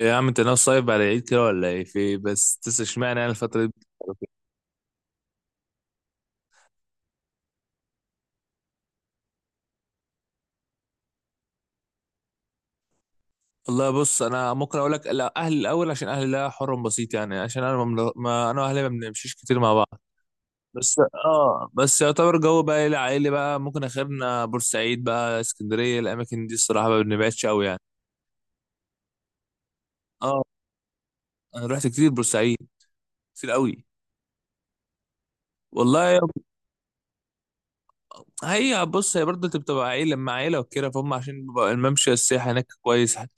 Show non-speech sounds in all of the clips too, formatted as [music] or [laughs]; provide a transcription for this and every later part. يا عم انت ناوي صايب على العيد كده ولا ايه في اشمعنى انا الفتره دي. والله بص انا ممكن اقول لك، لا اهلي الاول عشان اهلي لا حر بسيط يعني عشان انا ما انا واهلي ما بنمشيش كتير مع بعض. بس اه بس يعتبر جو بقى ايه العائلي بقى، ممكن اخرنا بورسعيد بقى، اسكندريه، الاماكن دي الصراحه ما بنبعدش قوي يعني. اه انا رحت كتير بورسعيد، كتير قوي. والله هي بص، هي برضه انت بتبقى عيلة مع عيلة وكده فهم، عشان بيبقى الممشى السياحي هناك كويس عارف.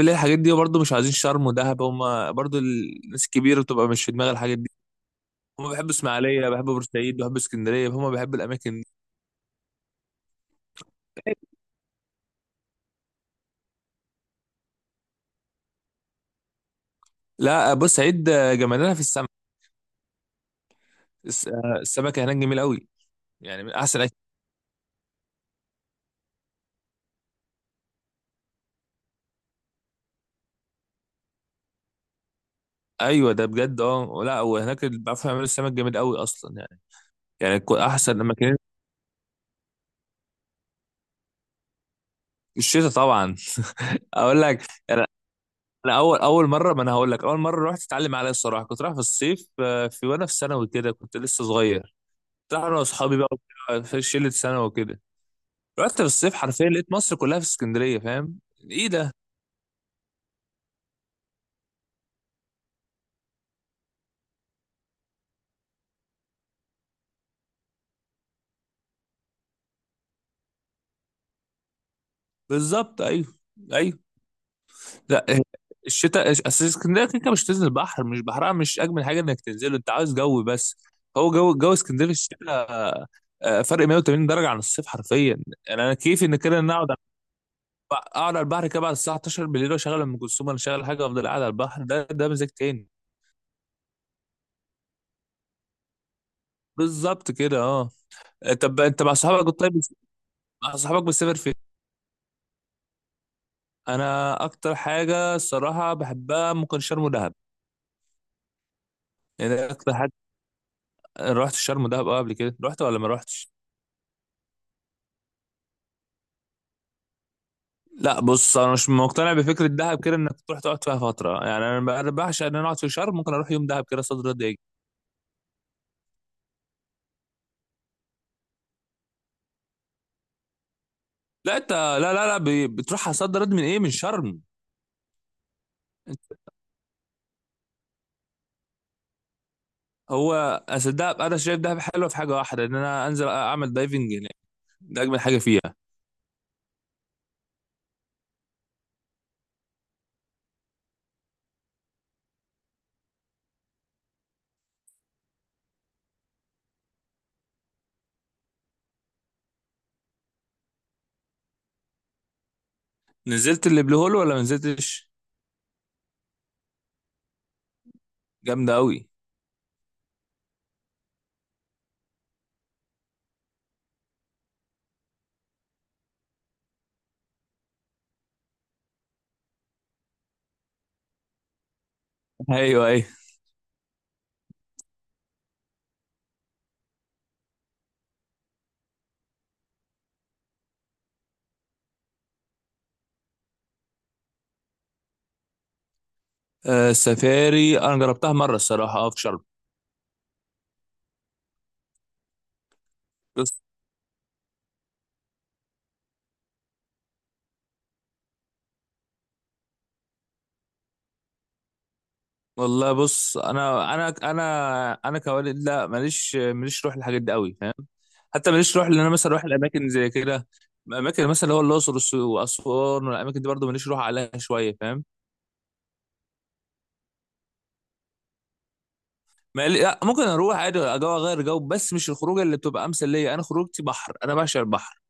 ليه الحاجات دي؟ برضه مش عايزين شرم ودهب، هم برضه الناس الكبيرة بتبقى مش في دماغها الحاجات دي. هم بيحبوا اسماعيلية، بيحبوا بورسعيد، بيحبوا اسكندرية، هم بيحبوا الأماكن دي. لا بورسعيد جمالها في السمك. السمكة هناك جميل قوي، يعني من أحسن أكل. أيوة ده بجد. اه لا، وهناك اللي بيعرفوا يعملوا السمك جامد قوي أصلا يعني. يعني أحسن أماكن الشتاء طبعا [laughs] أقول لك. يعني انا اول مره، ما انا هقول لك اول مره رحت اتعلم عليها الصراحه كنت رايح في الصيف، في وانا في ثانوي كده، كنت لسه صغير. كنت رايح انا واصحابي بقى وكده، في شله ثانوي وكده. رحت في الصيف حرفيا لقيت مصر كلها في اسكندريه، فاهم؟ ايه ده؟ بالظبط، ايوه ايوه. لا آه، الشتاء، اصل اسكندريه كده كده مش تنزل البحر، مش بحرها مش اجمل حاجه انك تنزله، انت عاوز جو بس. هو جو اسكندريه في الشتاء، فرق 180 درجه عن الصيف حرفيا. انا كيفي ان كده ان أنا اقعد على البحر كده بعد الساعه 12 بالليل، واشغل ام كلثوم ولا اشغل حاجه، وافضل قاعد على البحر. ده مزاج تاني. بالظبط كده اه. طب انت مع صحابك طيب، مع صحابك بتسافر فين؟ انا اكتر حاجه الصراحه بحبها ممكن شرم ودهب، يعني ده اكتر حاجه. رحت شرم ودهب اه قبل كده، رحت ولا ما رحتش؟ لا بص، انا مش مقتنع بفكره دهب كده انك تروح تقعد فيها فتره، يعني أنا بعشق ان انا اقعد في شرم، ممكن اروح يوم دهب كده صد رد اجي. لا انت، لا لا لا ب- بتروح على صد رد من ايه؟ من شرم. هو اصل دهب، انا شايف دهب حلوه في حاجه واحده، ان انا انزل اعمل دايفنج هناك، ده اجمل حاجه فيها. نزلت اللي بلو هول ولا ما نزلتش؟ جامده قوي. ايوه ايوه. السفاري انا جربتها مره الصراحه اه في شرم. بص، والله بص انا انا كوالد لا، ماليش روح الحاجات دي قوي، فاهم؟ حتى ماليش روح ان انا مثلا اروح الاماكن زي كده، اماكن مثلا اللي هو الاقصر واسوان والاماكن دي برضه ماليش روح عليها شويه، فاهم؟ ما قال- لا، ممكن اروح عادي جو اغير جو، بس مش الخروجه اللي بتبقى امثل ليا، انا خروجتي بحر، انا بعشق البحر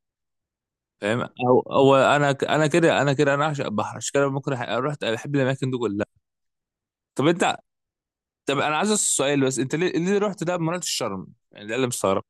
فاهم. او او انا ك- انا كده انا كده انا اعشق البحر، عشان كده ممكن رحت بحب الاماكن دي كلها. طب انت، طب انا عايز اسال سؤال بس، انت ليه رحت ده ما رحتش شرم؟ يعني ده اللي مستغرب.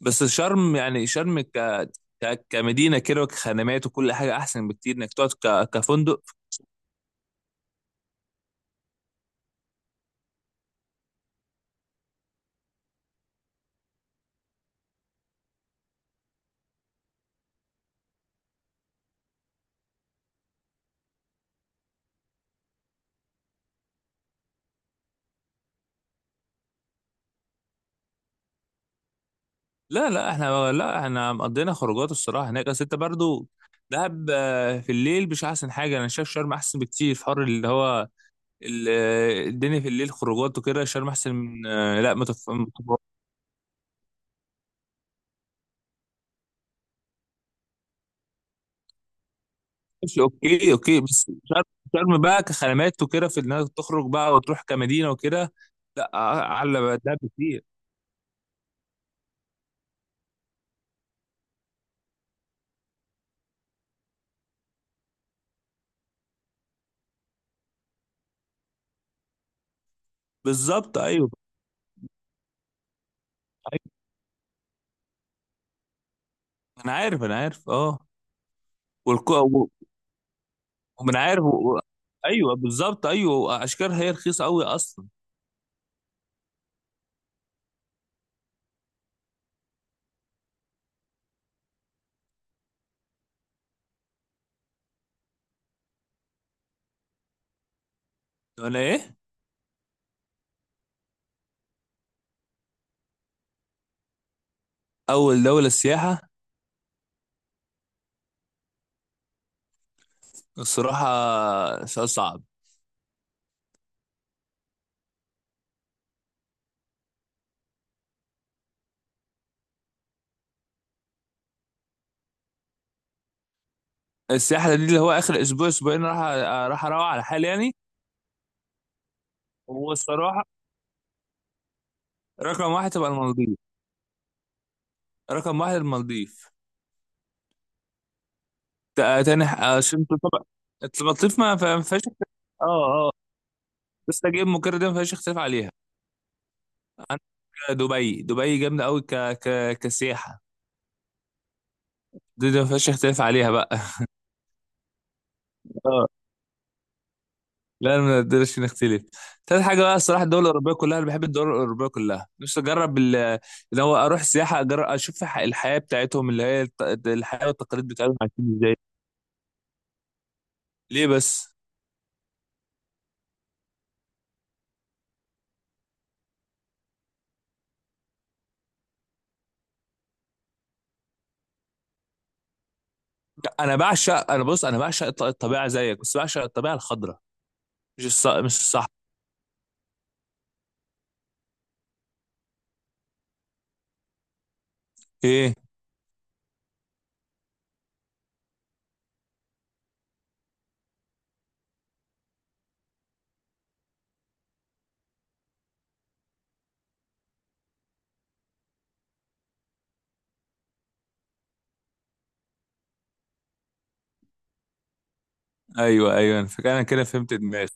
بس شرم، يعني شرم كمدينه كده وكخدمات وكل حاجه، احسن بكتير انك تقعد كفندق. لا احنا قضينا خروجات الصراحه هناك، اصل انت برضو دهب، في الليل مش احسن حاجه، انا شايف شرم احسن بكتير في حر اللي هو الدنيا في الليل خروجات وكده، شرم احسن من، لا ما تفهمش. اوكي اوكي، بس شرم، شرم بقى كخدمات وكده في انك تخرج بقى وتروح كمدينه وكده، لا آه، اعلى بقى دهب كتير. بالظبط ايوه، أيوة، انا عارف انا عارف اه. والكو و- ومن عارف و- و- ايوه بالظبط ايوه اشكال، هي رخيصه قوي اصلا. ولا ايه؟ اول دوله سياحه؟ الصراحه سؤال صعب. السياحه دي اللي هو اخر اسبوع اسبوعين، راح اروح على حالي يعني. والصراحه رقم واحد تبقى المالديف، رقم واحد المالديف. عشان طبعا المالديف ما فيهاش اه اه، بس اجيب مكرر دي ما فيهاش اختلاف عليها. عندك دبي، دبي جامده قوي كسياحه، دي دي ما فيهاش اختلاف عليها بقى. [laughs] لا ما نقدرش نختلف. تالت حاجه بقى الصراحه الدول الاوروبيه كلها، انا بحب الدول الاوروبيه كلها، نفسي اجرب اللي هو اروح سياحه، اجرب اشوف الحياه بتاعتهم، اللي هي الحياه والتقاليد بتاعتهم عايشين ازاي. ليه بس؟ انا بعشق، انا بص انا بعشق الطبيعه زيك، بس بعشق الطبيعه الخضراء مش مش الصح. ايه؟ ايوه ايوه، انا فاكر انا كده فهمت دماغي.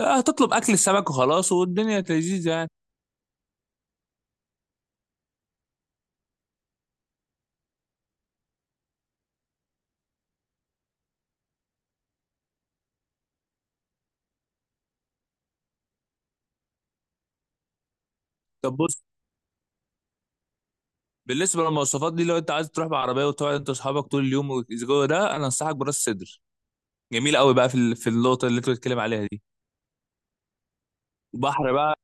هتطلب اكل السمك وخلاص والدنيا لذيذه يعني. طب بص، بالنسبه للمواصفات دي، لو انت عايز تروح بعربيه وتقعد انت واصحابك طول اليوم والجو ده، انا انصحك براس سدر، جميل قوي بقى في في النقطه اللي انت بتتكلم عليها دي، بحر بقى.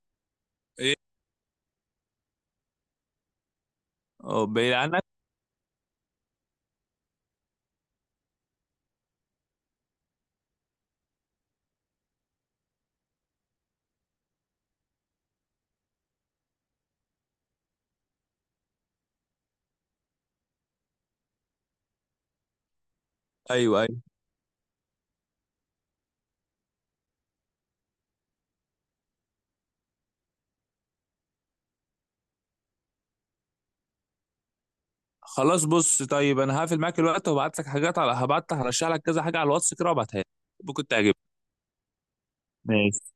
ايه؟ اه بعيد عنك. ايوه ايوه. خلاص بص، طيب انا هقفل معاك الوقت وابعت لك حاجات على، هبعت لك، هرشح لك كذا حاجه على الواتس كده وابعتها لك، ممكن تعجبك. ماشي.